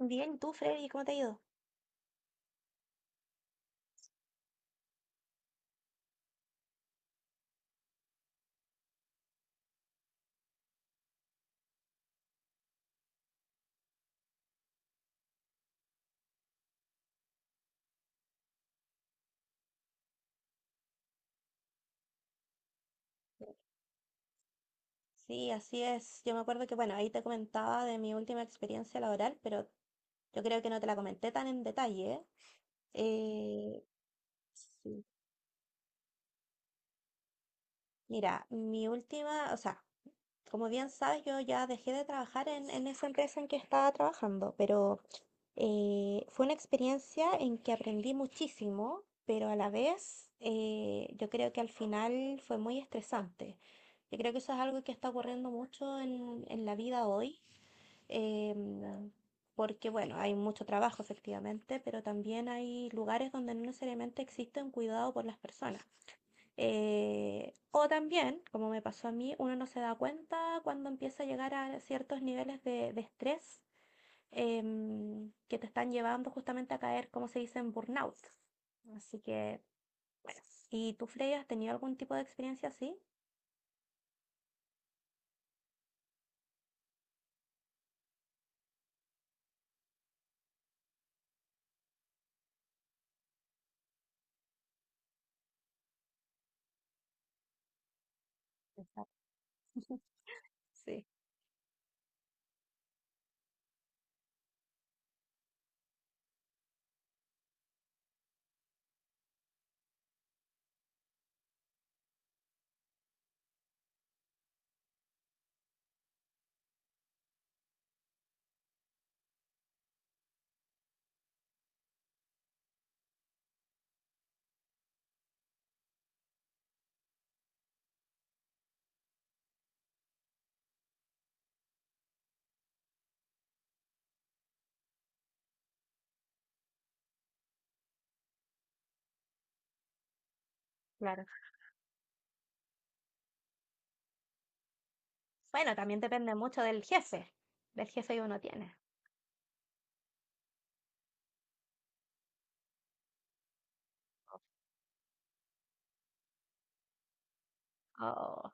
Bien, ¿y tú, Freddy, cómo te ha ido? Sí, así es. Yo me acuerdo que, bueno, ahí te comentaba de mi última experiencia laboral, pero yo creo que no te la comenté tan en detalle, ¿eh? Eh, sí. Mira, mi última, o sea, como bien sabes, yo ya dejé de trabajar en esa empresa en que estaba trabajando, pero fue una experiencia en que aprendí muchísimo, pero a la vez yo creo que al final fue muy estresante. Yo creo que eso es algo que está ocurriendo mucho en la vida hoy, em, porque bueno, hay mucho trabajo efectivamente, pero también hay lugares donde no necesariamente existe un cuidado por las personas. O también, como me pasó a mí, uno no se da cuenta cuando empieza a llegar a ciertos niveles de estrés que te están llevando justamente a caer, como se dice, en burnout. Así que, bueno, ¿y tú, Freya, has tenido algún tipo de experiencia así? Exacto. Sí, claro. Bueno, también depende mucho del jefe que uno tiene. Oh,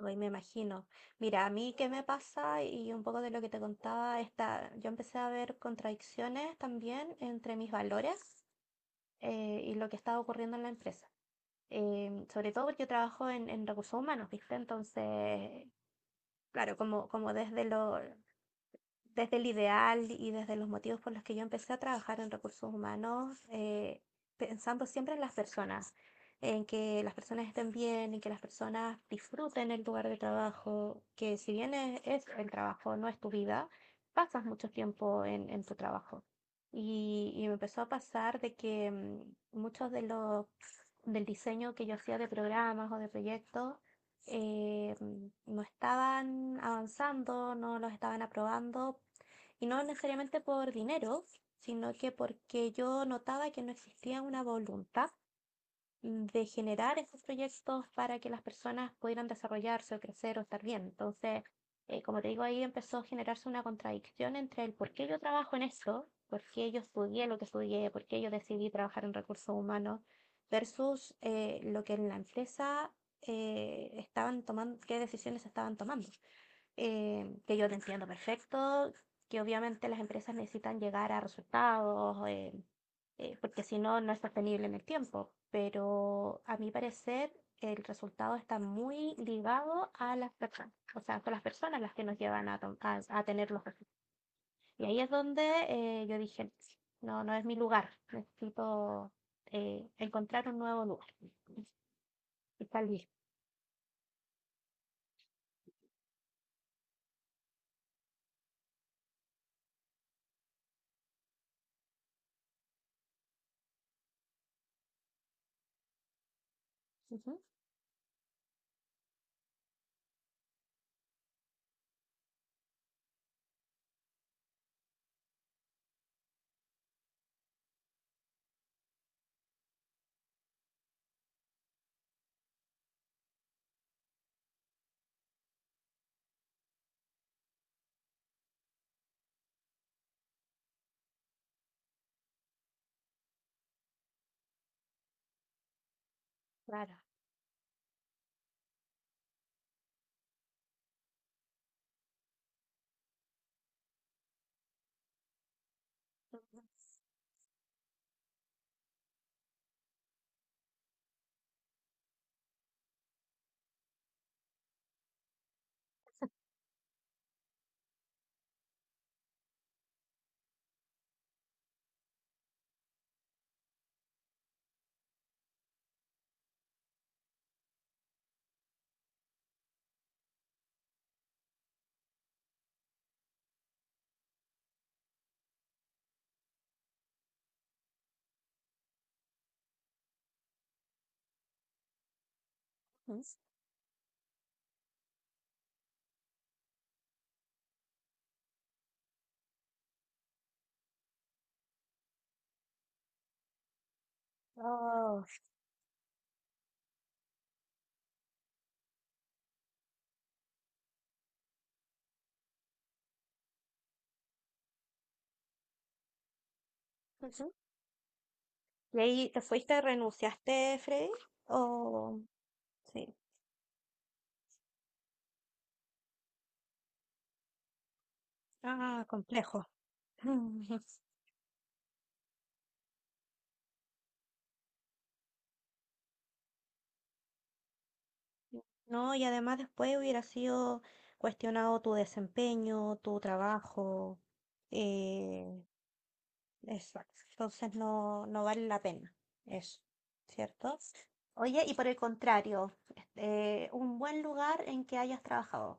hoy me imagino. Mira, a mí qué me pasa y un poco de lo que te contaba, esta, yo empecé a ver contradicciones también entre mis valores y lo que estaba ocurriendo en la empresa. Sobre todo porque yo trabajo en recursos humanos, ¿viste? Entonces, claro, como desde lo, desde el ideal y desde los motivos por los que yo empecé a trabajar en recursos humanos, pensando siempre en las personas, en que las personas estén bien, en que las personas disfruten el lugar de trabajo, que si bien es el trabajo, no es tu vida, pasas mucho tiempo en tu trabajo. Y me empezó a pasar de que muchos de los del diseño que yo hacía de programas o de proyectos no estaban avanzando, no los estaban aprobando y no necesariamente por dinero, sino que porque yo notaba que no existía una voluntad de generar esos proyectos para que las personas pudieran desarrollarse o crecer o estar bien. Entonces, como te digo, ahí empezó a generarse una contradicción entre el por qué yo trabajo en esto, por qué yo estudié lo que estudié, por qué yo decidí trabajar en recursos humanos, versus lo que en la empresa estaban tomando, qué decisiones estaban tomando que yo te entiendo perfecto, que obviamente las empresas necesitan llegar a resultados, porque si no, no es sostenible en el tiempo. Pero a mi parecer, el resultado está muy ligado a las personas. O sea, son las personas las que nos llevan a, a tener los resultados. Y ahí es donde yo dije, no, no es mi lugar, necesito encontrar un nuevo lugar. Y tal vez. Ujú. Claro. Ujú. Oh. Leí, ¿te fuiste, renunciaste, Freddy? O sí. Ah, complejo. No, y además después hubiera sido cuestionado tu desempeño, tu trabajo. eh, exacto. Entonces no, no vale la pena eso, ¿cierto? Oye, y por el contrario, este, un buen lugar en que hayas trabajado,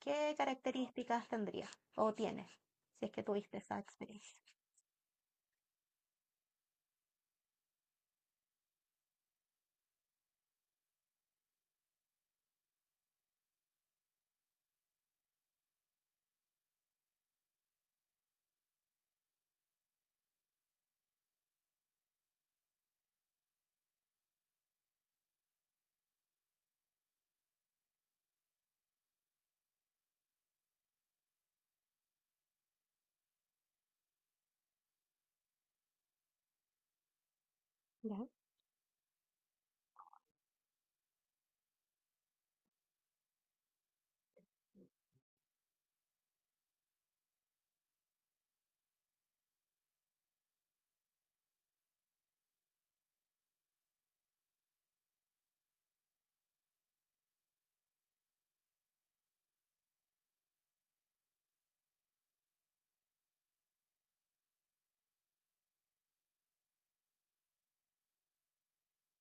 ¿qué características tendría o tienes si es que tuviste esa experiencia?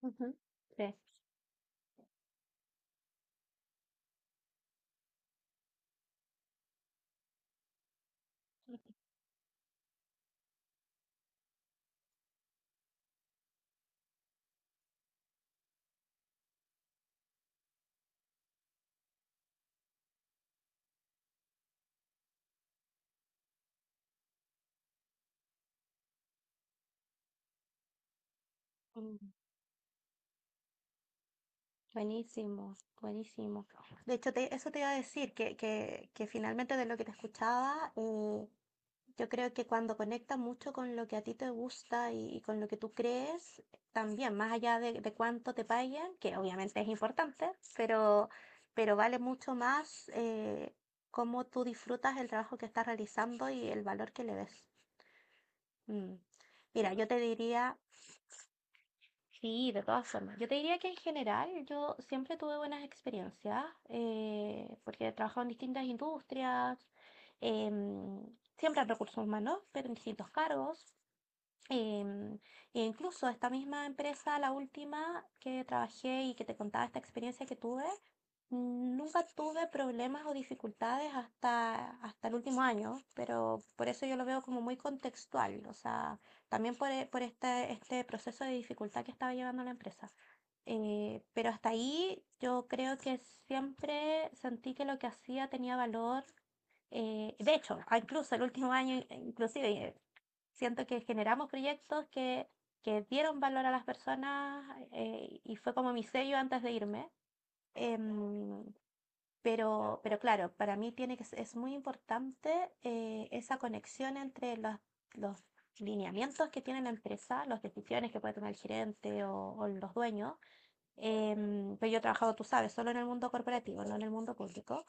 Ujú. Gracias. Mm. Buenísimo, buenísimo. De hecho, eso te iba a decir, que finalmente de lo que te escuchaba, yo creo que cuando conectas mucho con lo que a ti te gusta y con lo que tú crees, también, más allá de cuánto te paguen, que obviamente es importante, pero, pero vale mucho más cómo tú disfrutas el trabajo que estás realizando y el valor que le ves. Mm. Mira, yo te diría... Sí, de todas formas. Yo te diría que en general yo siempre tuve buenas experiencias porque he trabajado en distintas industrias, em, siempre en recursos humanos, pero en distintos cargos. em, E incluso esta misma empresa, la última que trabajé y que te contaba esta experiencia que tuve, mm, nunca tuve problemas o dificultades hasta, hasta el último año, pero por eso yo lo veo como muy contextual, o sea, también por este, este proceso de dificultad que estaba llevando la empresa. Pero hasta ahí yo creo que siempre sentí que lo que hacía tenía valor. De hecho, incluso el último año, inclusive, siento que generamos proyectos que dieron valor a las personas y fue como mi sello antes de irme. Em, pero claro, para mí tiene que, es muy importante esa conexión entre los lineamientos que tiene la empresa, las decisiones que puede tomar el gerente o los dueños. Pero yo he trabajado, tú sabes, solo en el mundo corporativo, no en el mundo público.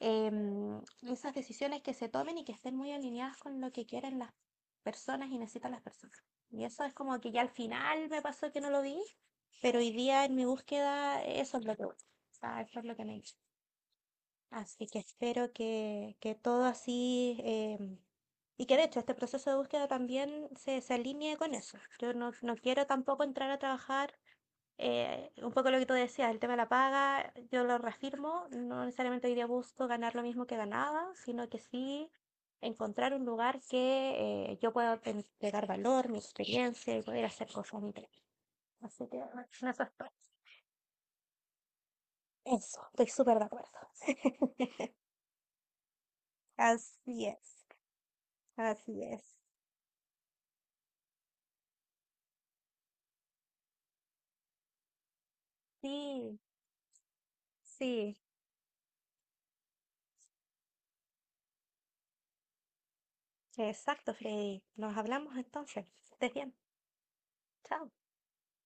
em, Esas decisiones que se tomen y que estén muy alineadas con lo que quieren las personas y necesitan las personas. Y eso es como que ya al final me pasó que no lo vi, pero hoy día en mi búsqueda eso es lo que busco. O sea, eso es lo que me he hecho. Así que espero que todo así, y que de hecho este proceso de búsqueda también se alinee con eso. Yo no, no quiero tampoco entrar a trabajar, un poco lo que tú decías, el tema de la paga, yo lo reafirmo, no necesariamente hoy día busco ganar lo mismo que ganaba, sino que sí encontrar un lugar que yo pueda entregar valor, mi experiencia y poder hacer cosas diferentes. Así que bueno, en eso estoy. Eso, estoy súper de acuerdo. Así es. Así es. Sí, sí. Exacto, Freddy. Nos hablamos entonces. Que estés bien. Chao.